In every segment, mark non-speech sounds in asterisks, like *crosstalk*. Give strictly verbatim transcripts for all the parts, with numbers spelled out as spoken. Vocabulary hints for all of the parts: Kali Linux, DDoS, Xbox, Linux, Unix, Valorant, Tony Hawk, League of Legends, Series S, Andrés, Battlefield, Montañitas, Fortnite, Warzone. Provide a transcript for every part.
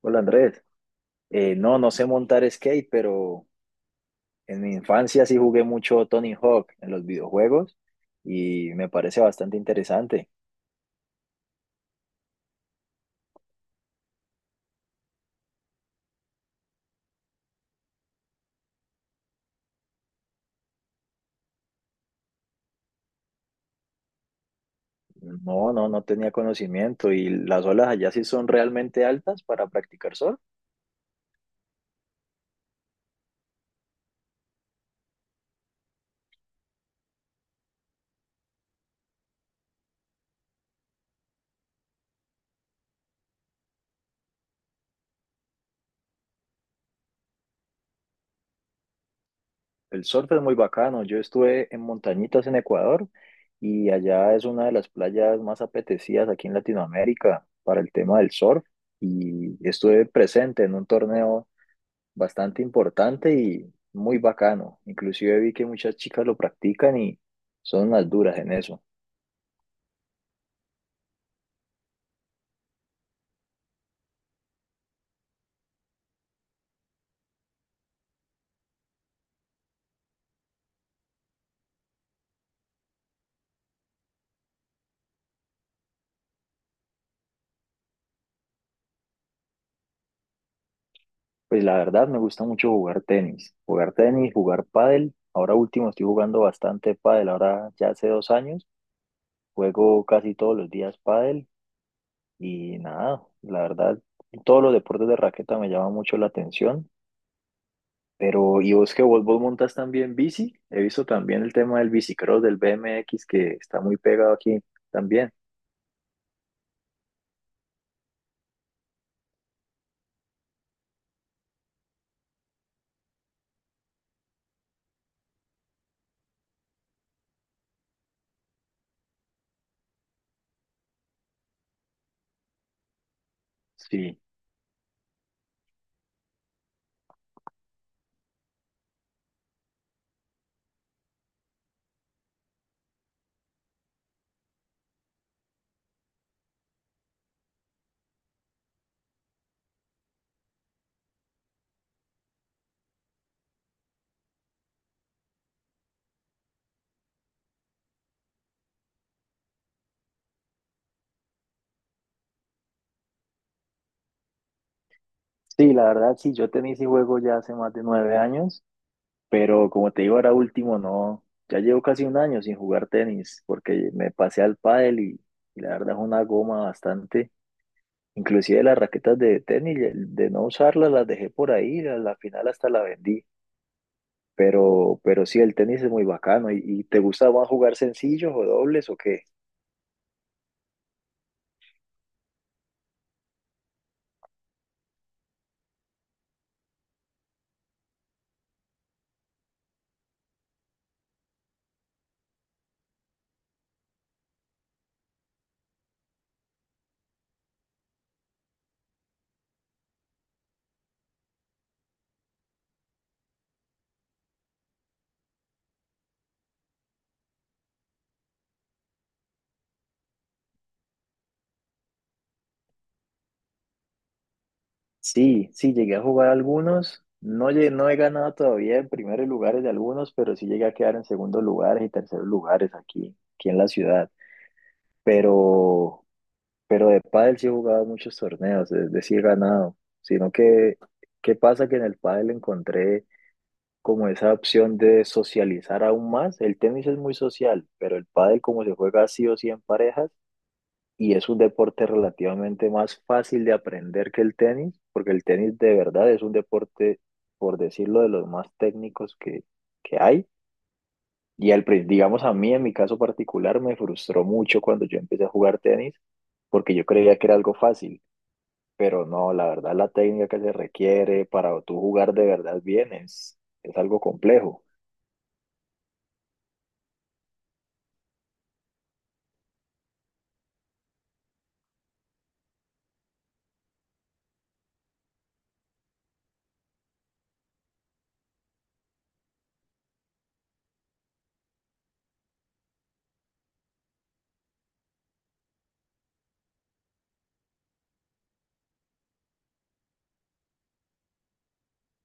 Hola Andrés, Eh, no, no sé montar skate, pero en mi infancia sí jugué mucho Tony Hawk en los videojuegos y me parece bastante interesante. No, no, no tenía conocimiento y las olas allá sí son realmente altas para practicar surf. El surf es muy bacano. Yo estuve en Montañitas en Ecuador y allá es una de las playas más apetecidas aquí en Latinoamérica para el tema del surf y estuve presente en un torneo bastante importante y muy bacano. Inclusive vi que muchas chicas lo practican y son las duras en eso. Pues la verdad me gusta mucho jugar tenis, jugar tenis, jugar pádel. Ahora último estoy jugando bastante pádel, ahora ya hace dos años juego casi todos los días pádel y nada, la verdad todos los deportes de raqueta me llaman mucho la atención. Pero, ¿y vos que vos, vos montas también bici? He visto también el tema del bicicross, del B M X que está muy pegado aquí también. Sí. Sí, la verdad, sí, yo tenis y juego ya hace más de nueve años, pero como te digo, ahora último no, ya llevo casi un año sin jugar tenis, porque me pasé al pádel y, y la verdad es una goma bastante, inclusive las raquetas de tenis, de no usarlas las dejé por ahí, a la final hasta la vendí, pero, pero sí, el tenis es muy bacano, ¿y, y te gusta más jugar sencillos o dobles o qué? Sí, sí, llegué a jugar algunos. No, lle- no he ganado todavía en primeros lugares de algunos, pero sí llegué a quedar en segundos lugares y terceros lugares aquí, aquí en la ciudad. Pero, pero de pádel sí he jugado muchos torneos, es decir, he ganado. Sino que, ¿qué pasa? Que en el pádel encontré como esa opción de socializar aún más. El tenis es muy social, pero el pádel como se juega sí o sí en parejas, y es un deporte relativamente más fácil de aprender que el tenis, porque el tenis de verdad es un deporte, por decirlo, de los más técnicos que, que hay. Y al, prin- digamos a mí, en mi caso particular, me frustró mucho cuando yo empecé a jugar tenis, porque yo creía que era algo fácil, pero no, la verdad la técnica que se requiere para tú jugar de verdad bien es, es algo complejo.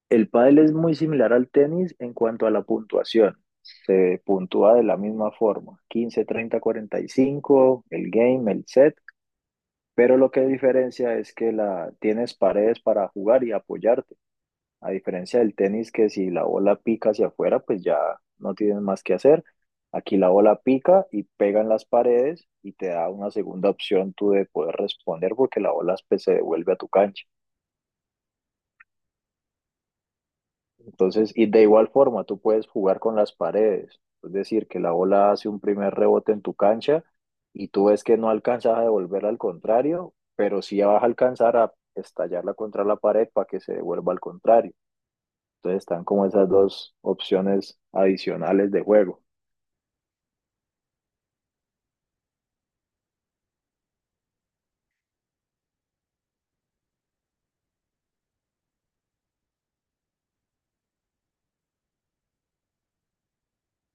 El pádel es muy similar al tenis en cuanto a la puntuación. Se puntúa de la misma forma, quince, treinta, cuarenta y cinco, el game, el set, pero lo que diferencia es que la, tienes paredes para jugar y apoyarte, a diferencia del tenis que si la bola pica hacia afuera, pues ya no tienes más que hacer. Aquí la bola pica y pega en las paredes y te da una segunda opción tú de poder responder porque la bola pues, se devuelve a tu cancha. Entonces, y de igual forma, tú puedes jugar con las paredes. Es decir, que la bola hace un primer rebote en tu cancha y tú ves que no alcanzas a devolverla al contrario, pero sí vas a alcanzar a estallarla contra la pared para que se devuelva al contrario. Entonces están como esas dos opciones adicionales de juego.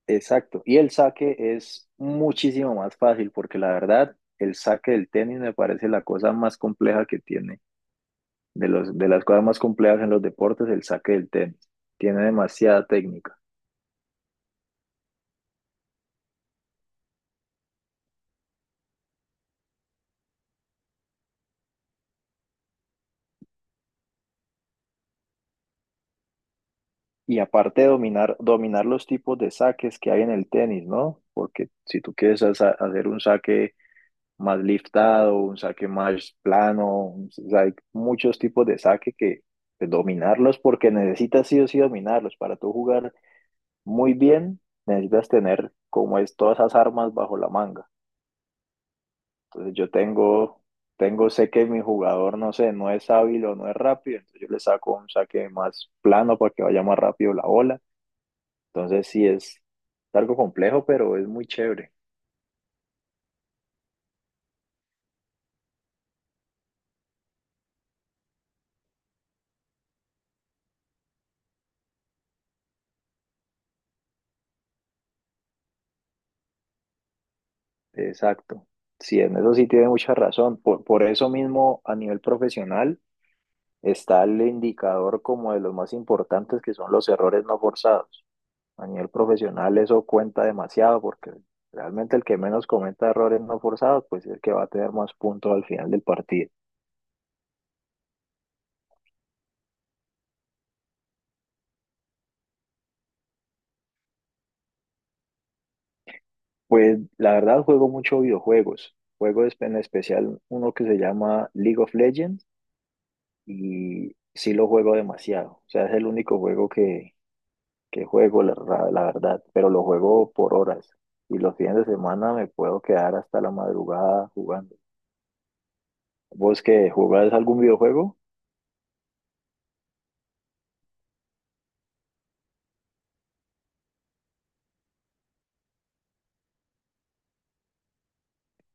Exacto. Y el saque es muchísimo más fácil porque la verdad, el saque del tenis me parece la cosa más compleja que tiene. De los, de las cosas más complejas en los deportes, el saque del tenis. Tiene demasiada técnica. Y aparte de dominar, dominar los tipos de saques que hay en el tenis, ¿no? Porque si tú quieres haza- hacer un saque más liftado, un saque más plano, un- o sea, hay muchos tipos de saque que pues, dominarlos porque necesitas sí o sí dominarlos. Para tú jugar muy bien, necesitas tener como es todas esas armas bajo la manga. Entonces yo tengo, tengo, sé que mi jugador, no sé, no es hábil o no es rápido, entonces yo le saco un saque más plano para que vaya más rápido la bola. Entonces sí es algo complejo, pero es muy chévere. Exacto. Sí, en eso sí tiene mucha razón. Por, por eso mismo, a nivel profesional, está el indicador como de los más importantes que son los errores no forzados. A nivel profesional eso cuenta demasiado porque realmente el que menos cometa errores no forzados pues es el que va a tener más puntos al final del partido. Pues la verdad juego mucho videojuegos. Juego espe en especial uno que se llama League of Legends y sí lo juego demasiado. O sea, es el único juego que, que juego, la, ra- la verdad, pero lo juego por horas y los fines de semana me puedo quedar hasta la madrugada jugando. ¿Vos que jugás algún videojuego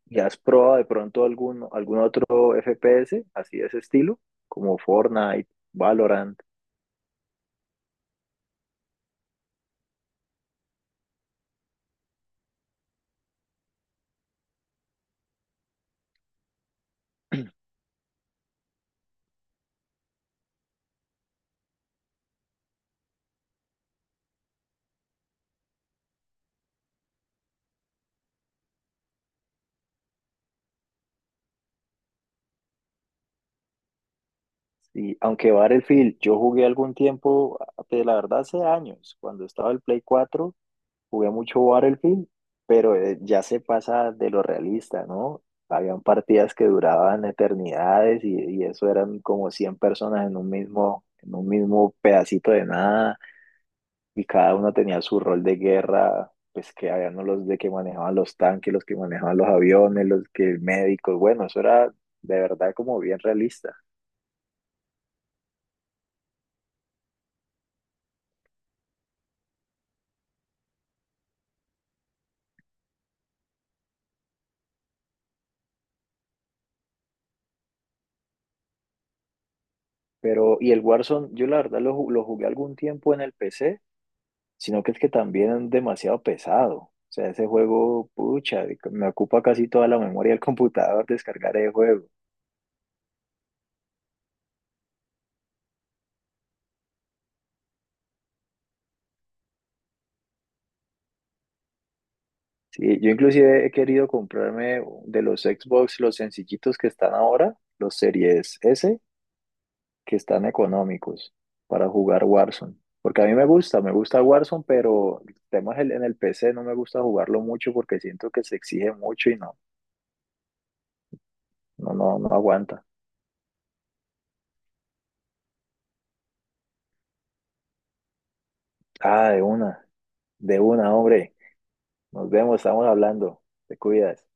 y has probado de pronto algún, algún otro F P S así de ese estilo, como Fortnite, Valorant? Y aunque Battlefield, yo jugué algún tiempo, pues, la verdad hace años, cuando estaba el Play cuatro jugué mucho Battlefield, pero eh, ya se pasa de lo realista, ¿no? Habían partidas que duraban eternidades y, y eso eran como cien personas en un mismo, en un mismo pedacito de nada. Y cada uno tenía su rol de guerra, pues que habían los de que manejaban los tanques, los que manejaban los aviones, los que médicos, bueno, eso era de verdad como bien realista. Pero, y el Warzone, yo la verdad lo, ju- lo jugué algún tiempo en el P C, sino que es que también es demasiado pesado. O sea, ese juego, pucha, de- me ocupa casi toda la memoria del *laughs* computador descargar el juego. Sí, yo inclusive he querido comprarme de los Xbox los sencillitos que están ahora, los Series S, que están económicos para jugar Warzone. Porque a mí me gusta, me gusta Warzone, pero el tema es el- en el P C, no me gusta jugarlo mucho porque siento que se exige mucho y no, no, no, no aguanta. Ah, de una, de una, hombre. Nos vemos, estamos hablando. Te cuidas.